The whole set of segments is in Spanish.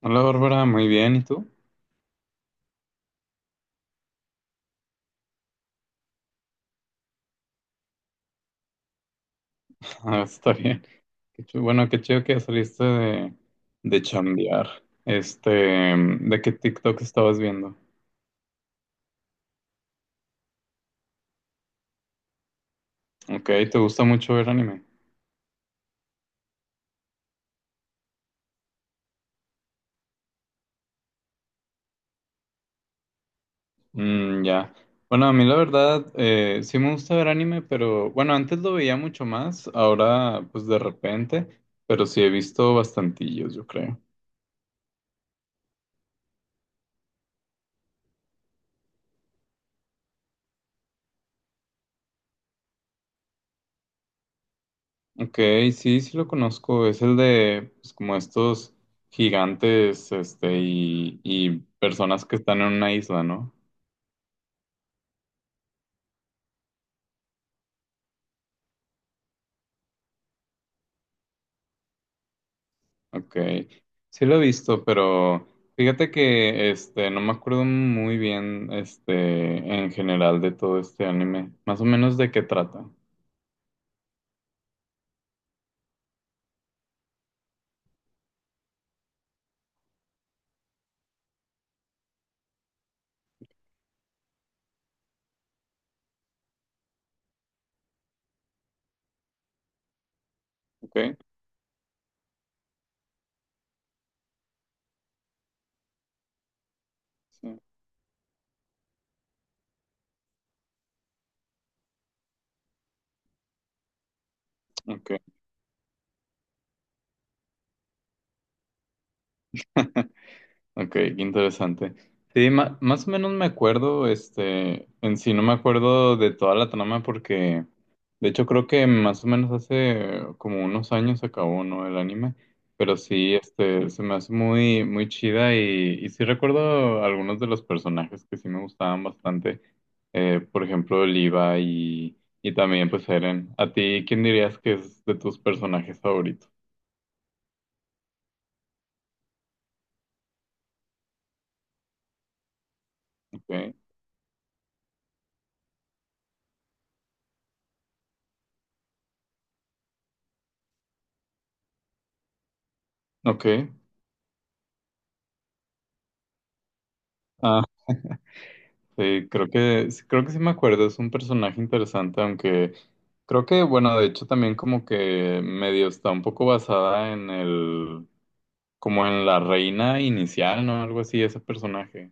Hola Bárbara, muy bien, ¿y tú? Ah, está bien. Bueno, qué chido que ya saliste de chambear. ¿De qué TikTok estabas viendo? Ok, ¿te gusta mucho ver anime? Mm, ya. Bueno, a mí la verdad, sí me gusta ver anime, pero bueno, antes lo veía mucho más, ahora pues de repente, pero sí he visto bastantillos, yo creo. Ok, sí lo conozco. Es el de, pues, como estos gigantes, y personas que están en una isla, ¿no? Ok, sí lo he visto, pero fíjate que, no me acuerdo muy bien, en general de todo este anime. Más o menos de qué trata, ¿ok? Sí, ok. Ok, qué interesante. Sí, más o menos me acuerdo, en sí no me acuerdo de toda la trama porque, de hecho creo que más o menos hace como unos años acabó, ¿no? El anime, pero sí, se me hace muy chida y sí recuerdo algunos de los personajes que sí me gustaban bastante, por ejemplo, Oliva y también pues Eren. ¿A ti quién dirías que es de tus personajes favoritos? Ok, ok. Sí, creo que sí me acuerdo, es un personaje interesante, aunque creo que, bueno, de hecho también como que medio está un poco basada en el, como en la reina inicial, ¿no? Algo así, ese personaje.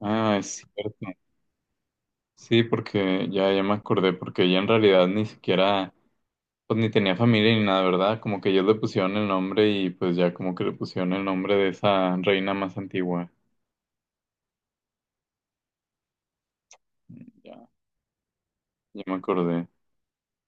Ah, es cierto. Sí, porque ya me acordé, porque ella en realidad ni siquiera, pues ni tenía familia ni nada, ¿verdad? Como que ellos le pusieron el nombre y pues ya como que le pusieron el nombre de esa reina más antigua. Mm, ya, ya me acordé.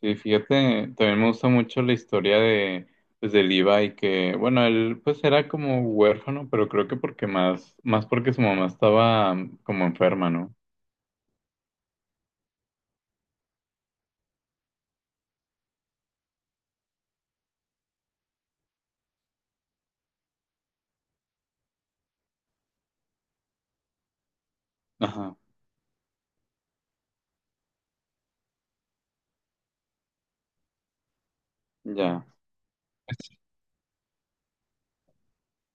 Sí, fíjate, también me gusta mucho la historia de, pues, de Levi, que, bueno, él pues era como huérfano, pero creo que porque más porque su mamá estaba como enferma, ¿no? Ajá, ya.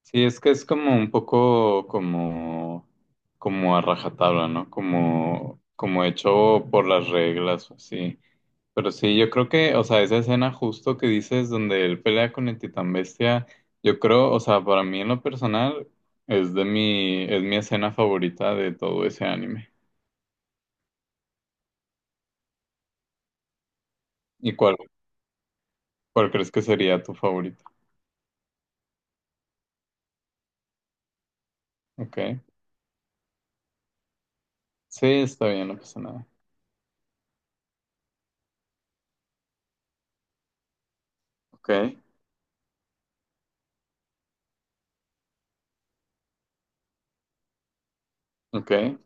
Sí, es que es como un poco como, como a rajatabla, ¿no? Como hecho por las reglas o así. Pero sí, yo creo que, o sea, esa escena justo que dices donde él pelea con el Titán Bestia, yo creo, o sea, para mí en lo personal es es mi escena favorita de todo ese anime. ¿Y cuál, ¿cuál crees que sería tu favorita? Ok. Sí, está bien, no pasa nada. Ok, ok,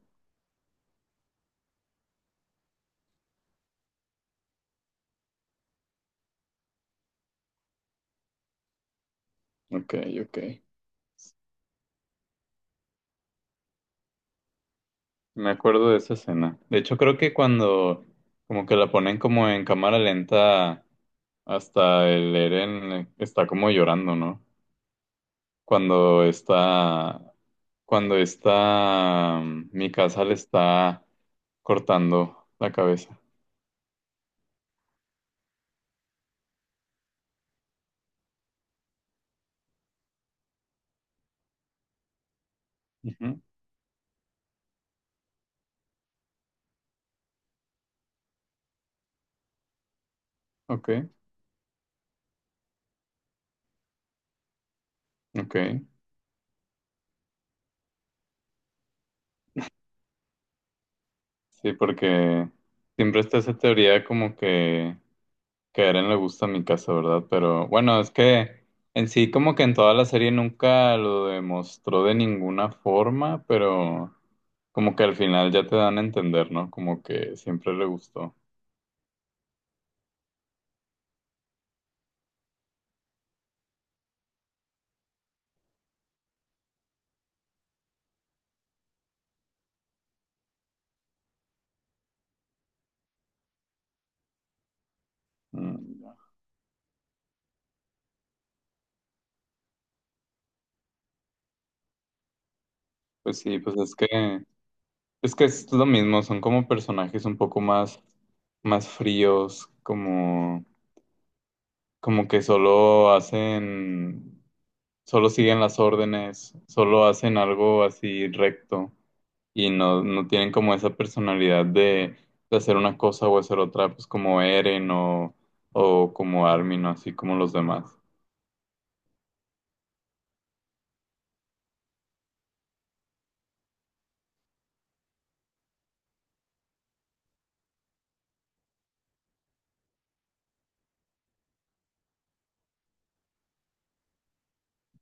ok, ok. Me acuerdo de esa escena. De hecho, creo que cuando como que la ponen como en cámara lenta hasta el Eren está como llorando, ¿no? cuando está, cuando está, mi casa le está cortando la cabeza. Ujú, Ok, ok. Sí, porque siempre está esa teoría como que a Eren le gusta mi casa, ¿verdad? Pero bueno, es que en sí como que en toda la serie nunca lo demostró de ninguna forma, pero como que al final ya te dan a entender, ¿no? Como que siempre le gustó. Mm, ya. Pues sí, pues es que... Es que es lo mismo, son como personajes un poco más, más fríos, como, como que solo hacen, solo siguen las órdenes, solo hacen algo así recto y no, no tienen como esa personalidad de hacer una cosa o hacer otra, pues como Eren o como Armin, o así como los demás.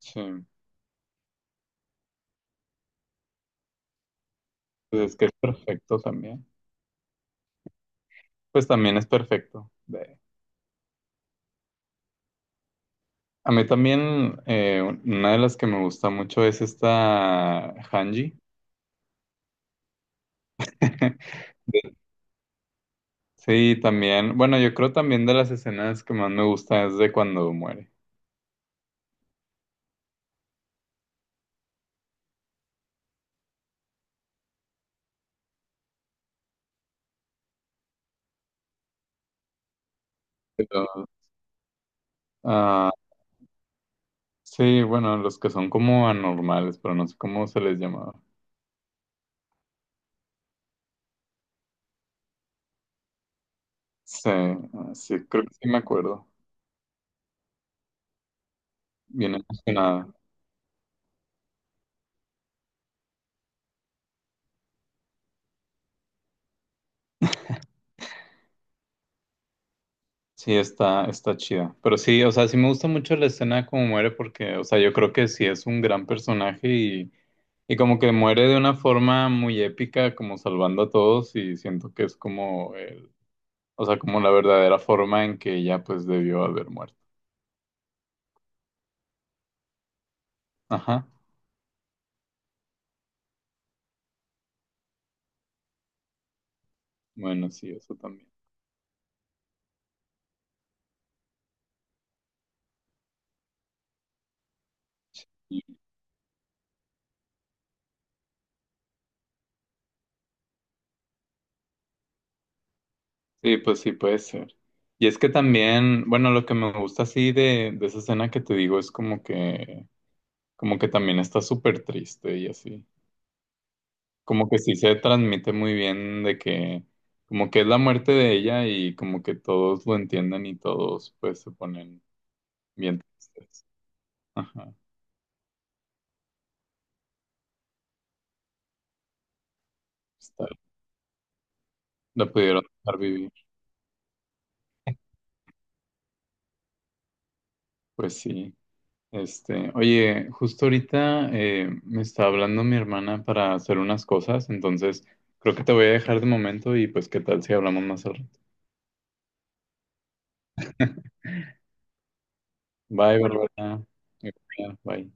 Sí, pues es que es perfecto también. Pues también es perfecto. A mí también una de las que me gusta mucho es esta Hanji. Sí, también, bueno, yo creo también de las escenas que más me gusta es de cuando muere. Pero, ah, sí, bueno, los que son como anormales, pero no sé cómo se les llamaba. Sí, sí, creo que sí me acuerdo. Bien emocionada. Sí, está chida. Pero sí, o sea, sí me gusta mucho la escena como muere porque, o sea, yo creo que sí es un gran personaje y como que muere de una forma muy épica, como salvando a todos y siento que es como o sea, como la verdadera forma en que ella pues debió haber muerto. Ajá. Bueno, sí, eso también. Sí, pues sí puede ser. Y es que también, bueno, lo que me gusta así de esa escena que te digo es como que también está súper triste y así. Como que sí se transmite muy bien de que como que es la muerte de ella y como que todos lo entienden y todos pues se ponen bien tristes. Ajá. Está, la pudieron dejar vivir. Pues sí. Oye, justo ahorita me está hablando mi hermana para hacer unas cosas, entonces creo que te voy a dejar de momento y pues qué tal si hablamos más al rato. Bye, Bárbara. Bye.